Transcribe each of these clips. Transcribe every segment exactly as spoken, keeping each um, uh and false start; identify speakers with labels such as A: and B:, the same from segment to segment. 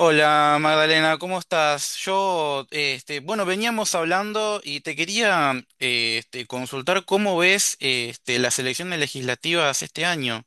A: Hola Magdalena, ¿cómo estás? Yo, este, bueno, veníamos hablando y te quería eh, este, consultar cómo ves eh, este, las elecciones legislativas este año.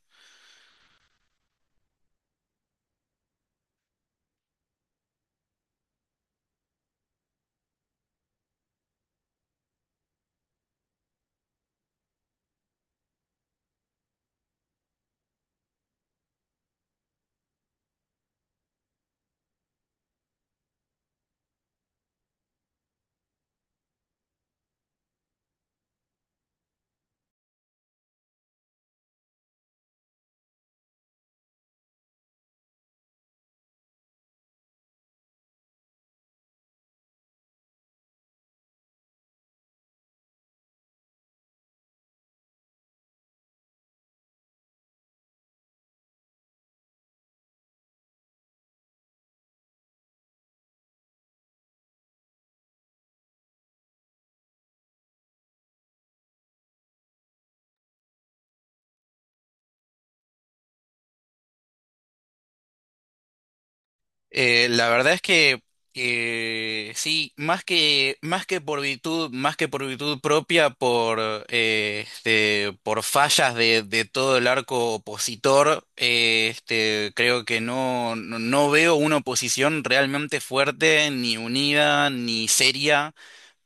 A: Eh, la verdad es que eh, sí, más que, más que por virtud, más que por virtud propia, por, eh, este, por fallas de, de todo el arco opositor, eh, este, creo que no, no no veo una oposición realmente fuerte, ni unida, ni seria,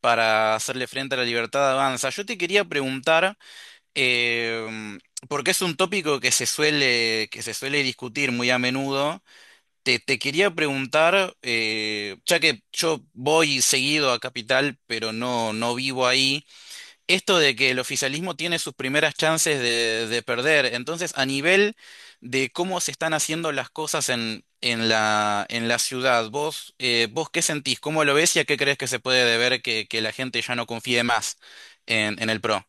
A: para hacerle frente a la libertad de avanza. Yo te quería preguntar, eh, porque es un tópico que se suele, que se suele discutir muy a menudo, te, te quería preguntar, eh, ya que yo voy seguido a Capital, pero no, no vivo ahí, esto de que el oficialismo tiene sus primeras chances de, de perder. Entonces, a nivel de cómo se están haciendo las cosas en, en la, en la ciudad, vos, eh, vos qué sentís, cómo lo ves y a qué crees que se puede deber que, que la gente ya no confíe más en, en el PRO.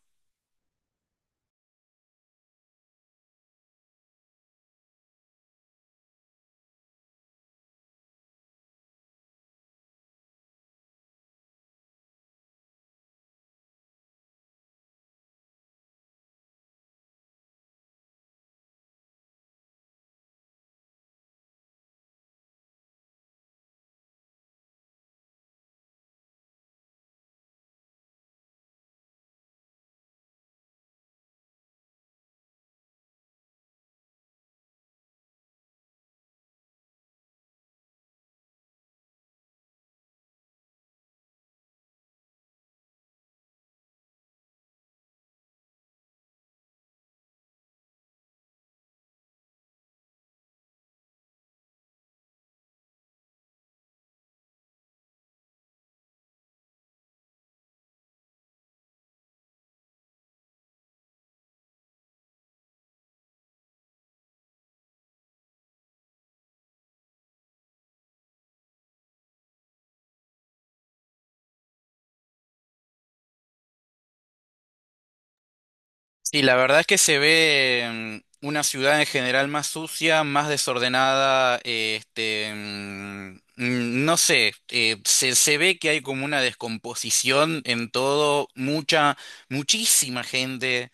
A: Sí, la verdad es que se ve mm, una ciudad en general más sucia, más desordenada, eh, este, mm, mm, no sé, eh, se, se ve que hay como una descomposición en todo, mucha, muchísima gente,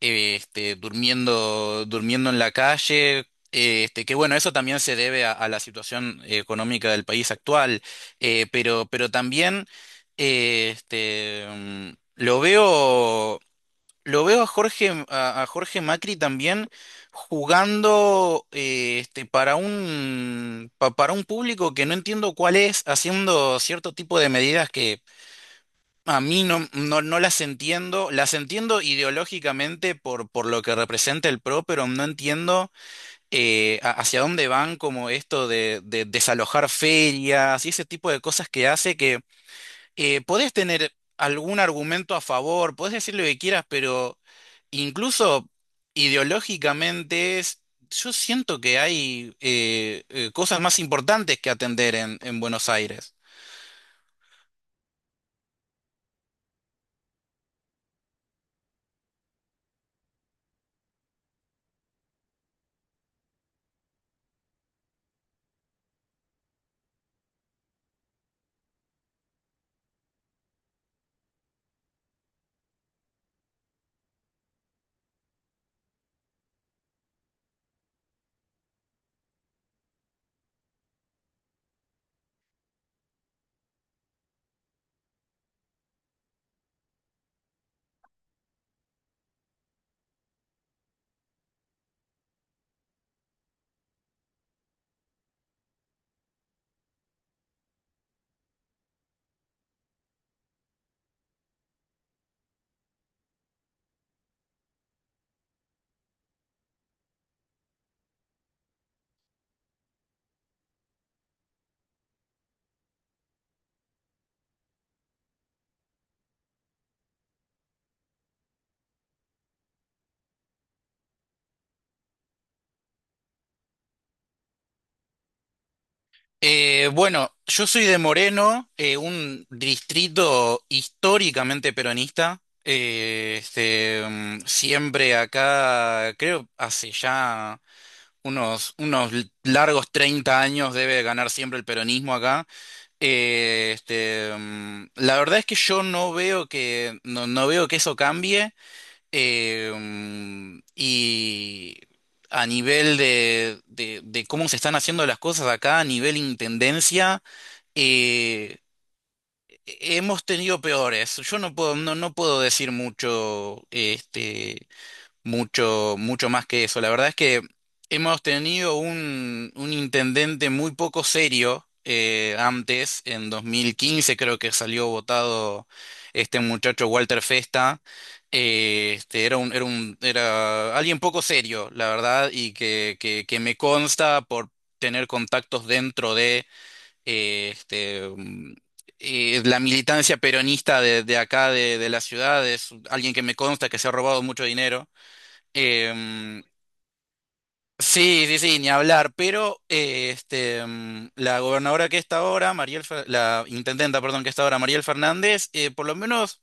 A: eh, este, durmiendo, durmiendo en la calle. Eh, Este, que bueno, eso también se debe a, a la situación económica del país actual, eh, pero, pero también eh, este, mm, lo veo. Lo veo a Jorge, a, a Jorge Macri también jugando eh, este, para un, pa- para un público que no entiendo cuál es, haciendo cierto tipo de medidas que a mí no, no, no las entiendo. Las entiendo ideológicamente por, por lo que representa el PRO, pero no entiendo eh, a- hacia dónde van como esto de, de desalojar ferias y ese tipo de cosas que hace eh, podés tener algún argumento a favor, podés decir lo que quieras, pero incluso ideológicamente es- yo siento que hay eh, eh, cosas más importantes que atender en, en Buenos Aires. Eh, bueno, yo soy de Moreno, eh, un distrito históricamente peronista. Eh, este, mm, siempre acá, creo, hace ya unos, unos largos treinta años debe ganar siempre el peronismo acá. Eh, este, mm, la verdad es que yo no veo que no, no veo que eso cambie eh, mm, y a nivel de, de, de cómo se están haciendo las cosas acá, a nivel intendencia, eh, hemos tenido peores. Yo no puedo no, no puedo decir mucho este mucho, mucho más que eso. La verdad es que hemos tenido un, un intendente muy poco serio eh, antes, en dos mil quince creo que salió votado este muchacho Walter Festa. Eh, este, era un, era un, era alguien poco serio, la verdad, y que, que, que me consta por tener contactos dentro de eh, este, mm, eh, la militancia peronista de, de acá, de, de la ciudad, es alguien que me consta que se ha robado mucho dinero. Em, sí, sí, sí, ni hablar, pero eh, este, mm, la gobernadora que está ahora, Mariel, Fer- la intendenta, perdón, que está ahora, Mariel Fernández, eh, por lo menos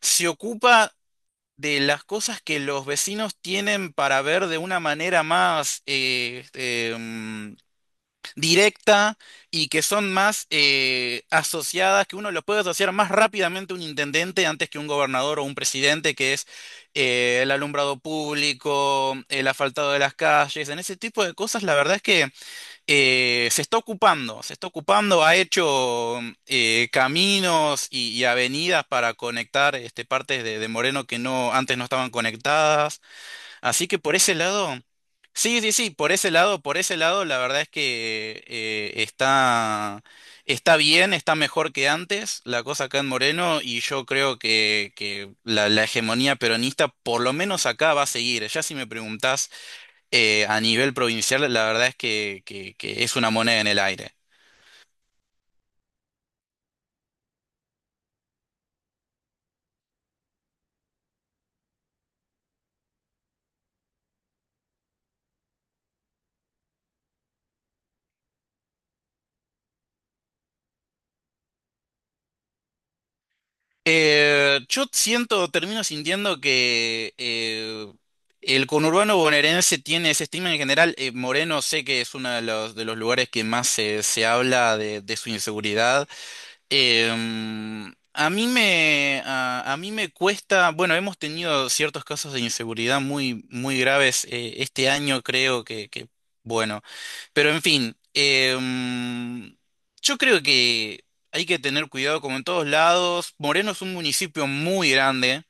A: se ocupa de las cosas que los vecinos tienen para ver de una manera más, eh, este, em, directa y que son más eh, asociadas, que uno lo puede asociar más rápidamente a un intendente antes que un gobernador o un presidente, que es eh, el alumbrado público, el asfaltado de las calles, en ese tipo de cosas, la verdad es que eh, se está ocupando, se está ocupando, ha hecho eh, caminos y, y avenidas para conectar este, partes de, de Moreno que no, antes no estaban conectadas. Así que por ese lado, sí, sí, sí, por ese lado, por ese lado, la verdad es que eh, está, está bien, está mejor que antes la cosa acá en Moreno y yo creo que, que la, la hegemonía peronista por lo menos acá va a seguir. Ya si me preguntás eh, a nivel provincial, la verdad es que, que que es una moneda en el aire. Eh, yo siento, termino sintiendo que eh, el conurbano bonaerense tiene ese estigma en general. Eh, Moreno sé que es uno de los, de los lugares que más se, se habla de, de su inseguridad. Em, a mí me, a, a mí me cuesta, bueno, hemos tenido ciertos casos de inseguridad muy, muy graves eh, este año, creo que, que, bueno, pero en fin, em, yo creo que hay que tener cuidado como en todos lados. Moreno es un municipio muy grande,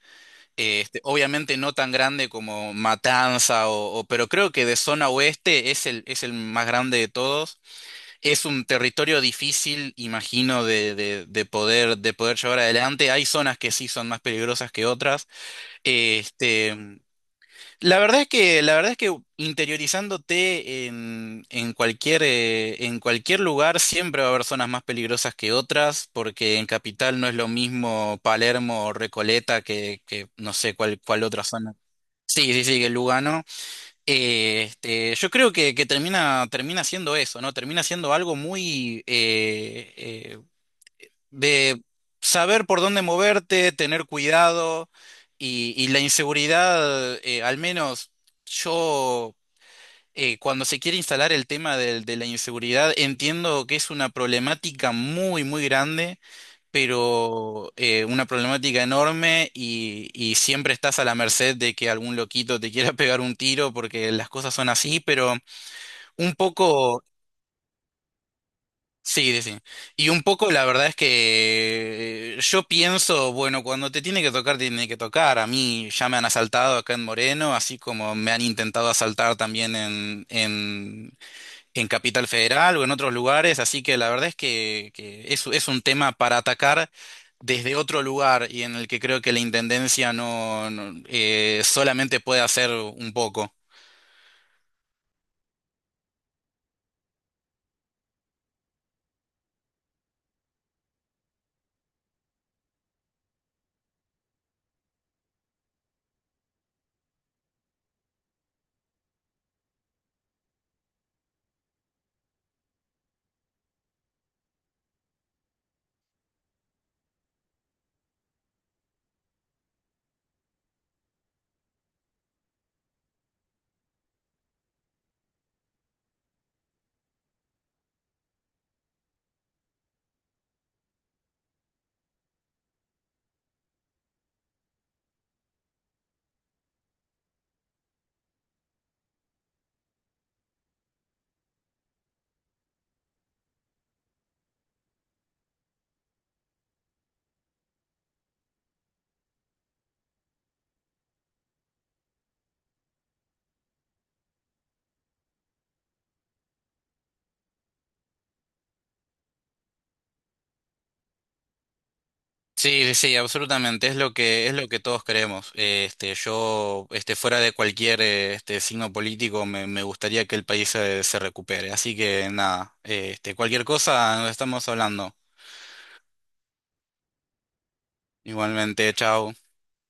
A: eh, este, obviamente no tan grande como Matanza, o, o- pero creo que de zona oeste es el, es el más grande de todos. Es un territorio difícil, imagino, de, de- de poder, de poder llevar adelante. Hay zonas que sí son más peligrosas que otras. Este, la verdad es que, la verdad es que interiorizándote en, en cualquier, eh, en cualquier lugar siempre va a haber zonas más peligrosas que otras, porque en Capital no es lo mismo Palermo o Recoleta que, que no sé cuál, cuál otra zona. Sí, sí, sí, que Lugano. Eh, este, yo creo que, que termina, termina siendo eso, ¿no? Termina siendo algo muy eh, eh, de saber por dónde moverte, tener cuidado y, y la inseguridad, eh, al menos yo, eh, cuando se quiere instalar el tema del- de, la inseguridad, entiendo que es una problemática muy, muy grande pero eh, una problemática enorme y, y siempre estás a la merced de que algún loquito te quiera pegar un tiro porque las cosas son así, pero un poco, sí, sí, sí. Y un poco la verdad es que eh, yo pienso, bueno, cuando te tiene que tocar, te tiene que tocar. A mí ya me han asaltado acá en Moreno, así como me han intentado asaltar también en, en en Capital Federal o en otros lugares, así que la verdad es que, que es, es un tema para atacar desde otro lugar y en el que creo que la intendencia no, no, eh, solamente puede hacer un poco. Sí, sí, sí, absolutamente. Es lo que es lo que todos creemos. Eh, Este, yo, este, fuera de cualquier eh, este signo político, me, me gustaría que el país se, se recupere. Así que nada, eh, este, cualquier cosa, nos estamos hablando. Igualmente, chao.